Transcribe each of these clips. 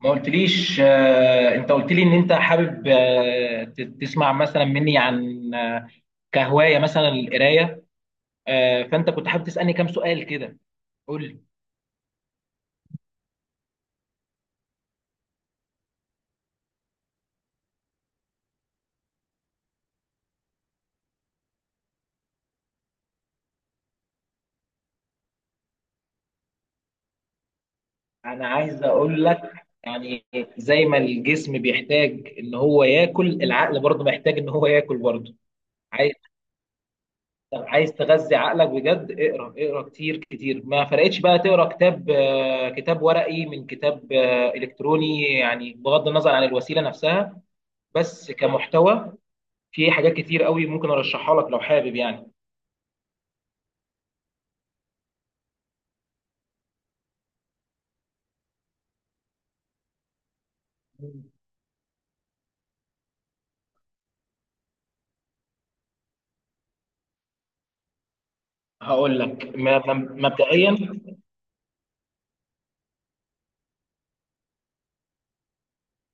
ما قلتليش انت قلت لي ان انت حابب تسمع مثلا مني عن كهوايه مثلا القرايه. فانت كنت حابب تسالني كام سؤال كده. قول لي. انا عايز اقول لك، يعني زي ما الجسم بيحتاج ان هو ياكل، العقل برضه محتاج ان هو ياكل برضه. عايز، طب عايز تغذي عقلك بجد اقرا، اقرا كتير ما فرقتش بقى تقرا كتاب كتاب ورقي من كتاب الكتروني، يعني بغض النظر عن الوسيله نفسها، بس كمحتوى. في حاجات كتير قوي ممكن ارشحها لك لو حابب، يعني هقول لك مبدئيا.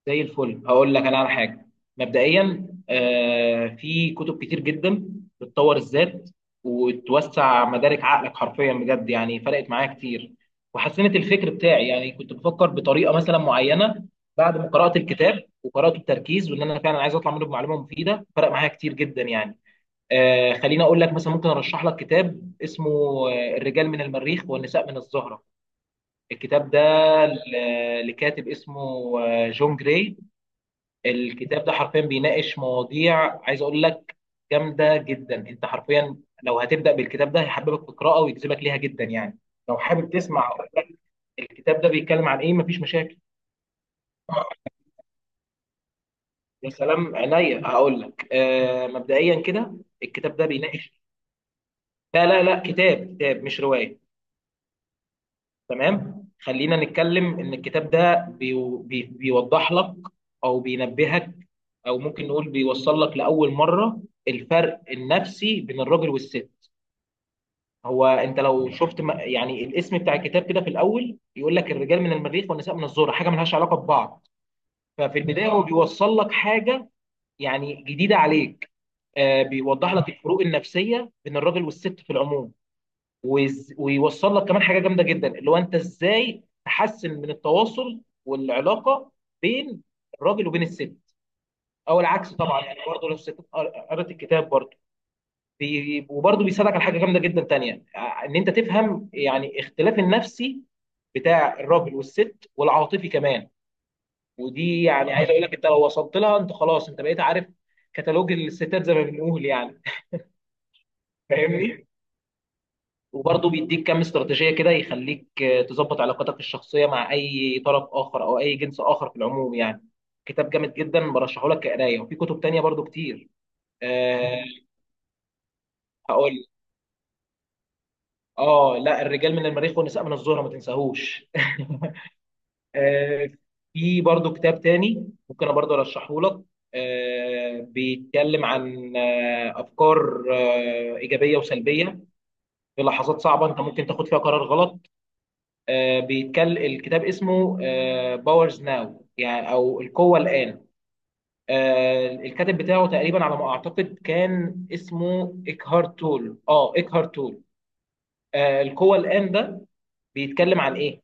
زي الفل، هقول لك انا على حاجه. مبدئيا في كتب كتير جدا بتطور الذات وتوسع مدارك عقلك حرفيا، بجد يعني فرقت معايا كتير وحسنت الفكر بتاعي. يعني كنت بفكر بطريقه مثلا معينه، بعد ما قرات الكتاب وقراته بتركيز وان انا فعلا عايز اطلع منه بمعلومه مفيده، فرق معايا كتير جدا يعني. آه، خليني اقول لك مثلا، ممكن ارشح لك كتاب اسمه الرجال من المريخ والنساء من الزهره. الكتاب ده لكاتب اسمه جون جراي. الكتاب ده حرفيا بيناقش مواضيع، عايز اقول لك جامده جدا. انت حرفيا لو هتبدا بالكتاب ده هيحببك في القراءه ويجذبك ليها جدا يعني. لو حابب تسمع أقول لك الكتاب ده بيتكلم عن ايه، مفيش مشاكل. يا سلام، عينيا. هقول لك آه، مبدئيا كده، الكتاب ده بيناقش، لا لا لا، كتاب كتاب مش روايه. تمام، خلينا نتكلم ان الكتاب ده بيو- بي بيوضح لك، او بينبهك، او ممكن نقول بيوصل لك لاول مره الفرق النفسي بين الراجل والست. هو انت لو شفت يعني الاسم بتاع الكتاب كده في الاول، يقول لك الرجال من المريخ والنساء من الذره، حاجه ملهاش علاقه ببعض. ففي البدايه هو بيوصل لك حاجه يعني جديده عليك. بيوضح لك الفروق النفسيه بين الراجل والست في العموم، ويوصل لك كمان حاجه جامده جدا اللي هو انت ازاي تحسن من التواصل والعلاقه بين الراجل وبين الست، او العكس طبعا، يعني برضه لو الست قرأت الكتاب برضه. وبرضه بيساعدك على حاجه جامده جدا تانيه، ان انت تفهم يعني اختلاف النفسي بتاع الراجل والست والعاطفي كمان. ودي يعني عايز اقول لك انت لو وصلت لها انت خلاص انت بقيت عارف كتالوج الستات زي ما بنقول يعني. فاهمني؟ وبرضه بيديك كام استراتيجية كده يخليك تظبط علاقاتك الشخصية مع أي طرف آخر أو أي جنس آخر في العموم يعني. كتاب جامد جدا برشحه لك كقراية، وفي كتب تانية برضه كتير. أه، هقول، اه، لا الرجال من المريخ والنساء من الزهرة ما تنساهوش. آه، في برضو كتاب تاني ممكن انا برضو ارشحه لك، بيتكلم عن افكار ايجابيه وسلبيه في لحظات صعبه انت ممكن تاخد فيها قرار غلط. بيتكلم، الكتاب اسمه باورز ناو، يعني او القوه الان. الكاتب بتاعه تقريبا على ما اعتقد كان اسمه ايكهارت تول، اه ايكهارت تول. القوه الان ده بيتكلم عن ايه؟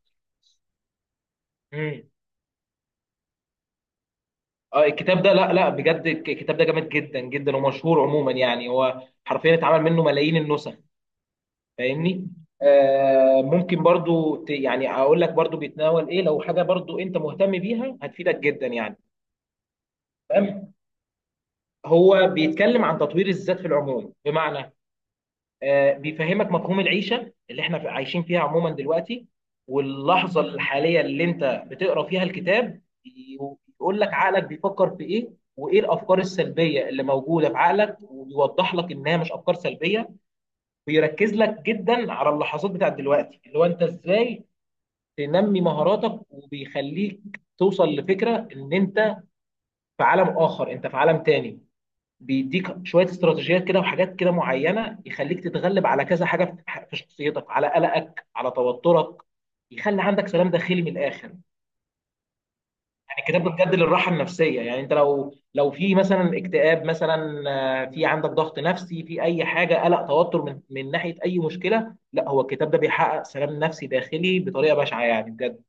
امم، اه، الكتاب ده، لا لا، بجد الكتاب ده جامد جدا جدا ومشهور عموما، يعني هو حرفيا اتعمل منه ملايين النسخ. فاهمني؟ آه، ممكن برضو يعني اقول لك برضو بيتناول ايه، لو حاجه برضو انت مهتم بيها هتفيدك جدا يعني. تمام، هو بيتكلم عن تطوير الذات في العموم، بمعنى بيفهمك مفهوم العيشه اللي احنا عايشين فيها عموما دلوقتي، واللحظه الحاليه اللي انت بتقرا فيها الكتاب. بيقول لك عقلك بيفكر في ايه، وايه الافكار السلبيه اللي موجوده في عقلك، وبيوضح لك انها مش افكار سلبيه. بيركز لك جدا على اللحظات بتاعت دلوقتي، اللي هو انت ازاي تنمي مهاراتك، وبيخليك توصل لفكره ان انت في عالم اخر، انت في عالم تاني. بيديك شويه استراتيجيات كده وحاجات كده معينه، يخليك تتغلب على كذا حاجه في شخصيتك، على قلقك، على توترك، يخلي عندك سلام داخلي من الاخر. يعني الكتاب ده بجد للراحه النفسيه، يعني انت لو، لو في مثلا اكتئاب مثلا، في عندك ضغط نفسي في اي حاجه، قلق، توتر من ناحيه اي مشكله، لا هو الكتاب ده بيحقق سلام نفسي داخلي بطريقه بشعه، يعني بجد.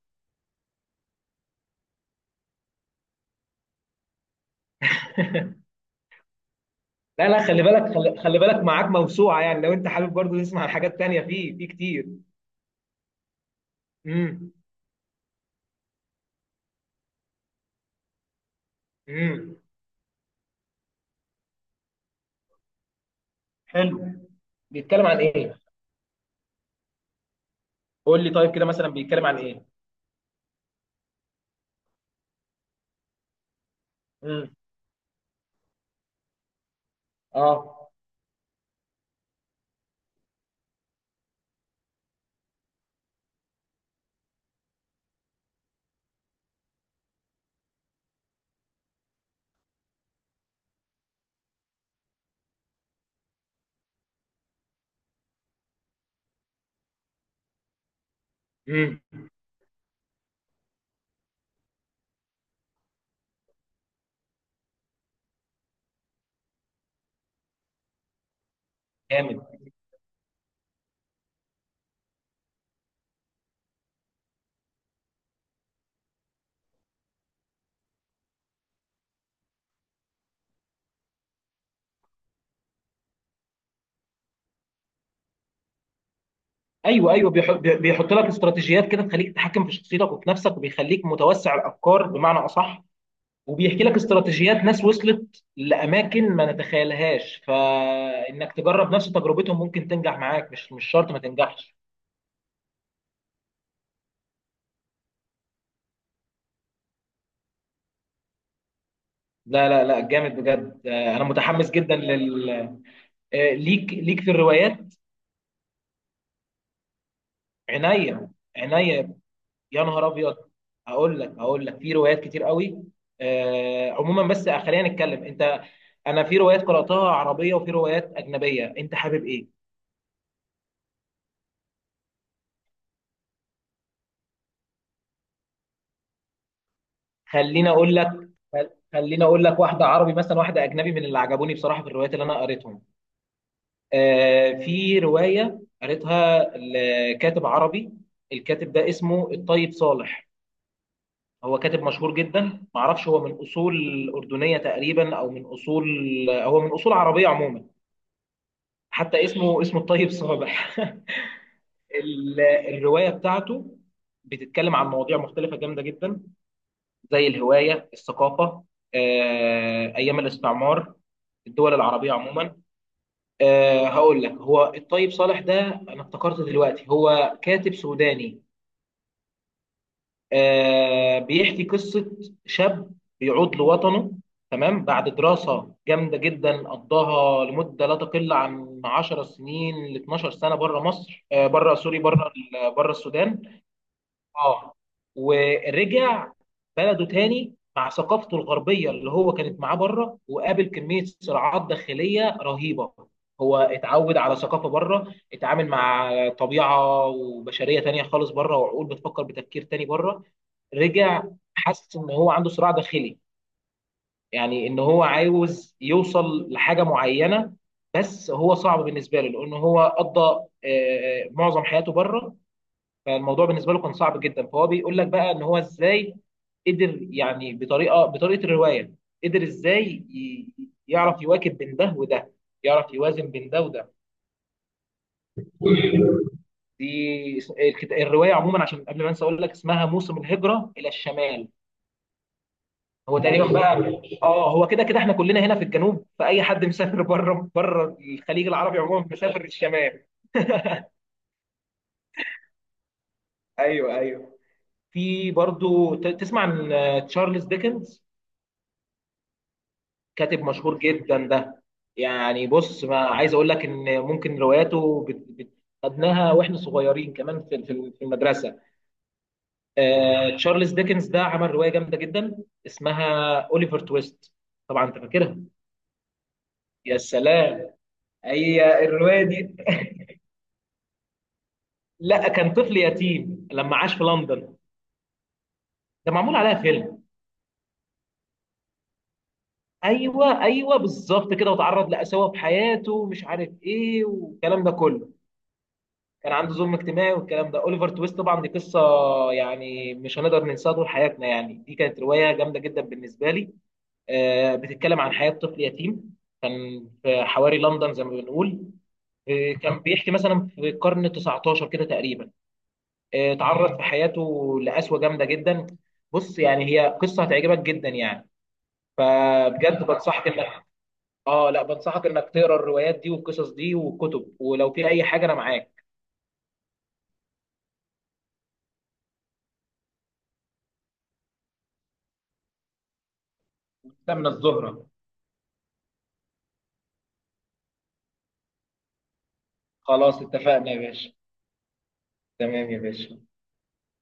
لا لا، خلي بالك، خلي بالك معاك موسوعه، يعني لو انت حابب برضه تسمع حاجات تانيه، فيه في كتير. امم، امم، حلو. بيتكلم عن ايه؟ قول لي طيب كده مثلا بيتكلم عن ايه. امم، اه، امم، جامد. ايوه ايوه، بيحط لك استراتيجيات كده تخليك تتحكم في شخصيتك وفي نفسك، وبيخليك متوسع الافكار بمعنى اصح. وبيحكي لك استراتيجيات ناس وصلت لاماكن ما نتخيلهاش، فانك تجرب نفس تجربتهم ممكن تنجح معاك، مش شرط ما تنجحش. لا لا لا، جامد بجد. انا متحمس جدا لل، ليك ليك في الروايات. عينيا، عينيا. يا نهار ابيض، هقول لك، هقول لك في روايات كتير قوي آه عموما، بس خلينا نتكلم انت، انا في روايات قراتها عربيه وفي روايات اجنبيه، انت حابب ايه؟ خليني اقول لك، خليني اقول لك واحده عربي مثلا واحده اجنبي من اللي عجبوني بصراحه في الروايات اللي انا قريتهم. آه، في روايه قريتها لكاتب عربي، الكاتب ده اسمه الطيب صالح. هو كاتب مشهور جدا، معرفش هو من اصول اردنيه تقريبا او من اصول، هو من اصول عربيه عموما. حتى اسمه، اسمه الطيب صابح. ال- الروايه بتاعته بتتكلم عن مواضيع مختلفه جامده جدا، زي الهوايه، الثقافه، ايام الاستعمار، الدول العربيه عموما. هقول لك، هو الطيب صالح ده، انا افتكرت دلوقتي هو كاتب سوداني. آه بيحكي قصة شاب بيعود لوطنه، تمام، بعد دراسة جامدة جدا قضاها لمدة لا تقل عن 10 سنين ل 12 سنة بره مصر، آه بره سوري، بره بره السودان. اه، ورجع بلده تاني مع ثقافته الغربية اللي هو كانت معاه بره، وقابل كمية صراعات داخلية رهيبة. هو اتعود على ثقافة بره، اتعامل مع طبيعة وبشرية تانية خالص بره، وعقول بتفكر بتفكير تاني بره، رجع. حس ان هو عنده صراع داخلي، يعني ان هو عاوز يوصل لحاجه معينه، بس هو صعب بالنسبه له لان هو قضى معظم حياته بره. فالموضوع بالنسبه له كان صعب جدا، فهو بيقول لك بقى ان هو ازاي قدر يعني بطريقه، الروايه قدر ازاي يعرف يواكب بين ده وده، يعرف يوازن بين ده وده. دي الروايه عموما عشان قبل ما انسى اقول لك اسمها موسم الهجره الى الشمال. هو تقريبا بقى، اه هو كده كده احنا كلنا هنا في الجنوب، فاي حد مسافر بره، بره الخليج العربي عموما مسافر الشمال. ايوه ايوه. في برضو تسمع عن تشارلز ديكنز، كاتب مشهور جدا ده. يعني بص، ما عايز اقول لك ان ممكن رواياته خدناها واحنا صغيرين كمان في في المدرسه. تشارلز ديكنز ده عمل روايه جامده جدا اسمها اوليفر تويست، طبعا انت فاكرها. يا سلام، هي الروايه دي، لا كان طفل يتيم لما عاش في لندن. ده معمول عليها فيلم. ايوه ايوه بالظبط كده، وتعرض لقساوه في حياته ومش عارف ايه والكلام ده كله، كان عنده ظلم اجتماعي والكلام ده. اوليفر تويست طبعا دي قصه يعني مش هنقدر ننساها طول حياتنا، يعني دي كانت روايه جامده جدا بالنسبه لي. آه بتتكلم عن حياه طفل يتيم كان في حواري لندن زي ما بنقول. آه كان بيحكي مثلا في القرن 19 كده تقريبا، اتعرض في حياته لقسوه جامده جدا. بص يعني هي قصه هتعجبك جدا يعني. فبجد بنصحك انك، اه لا بنصحك انك تقرا الروايات دي والقصص دي والكتب، ولو في اي حاجه انا معاك. من الزهره. خلاص اتفقنا يا باشا. تمام يا باشا.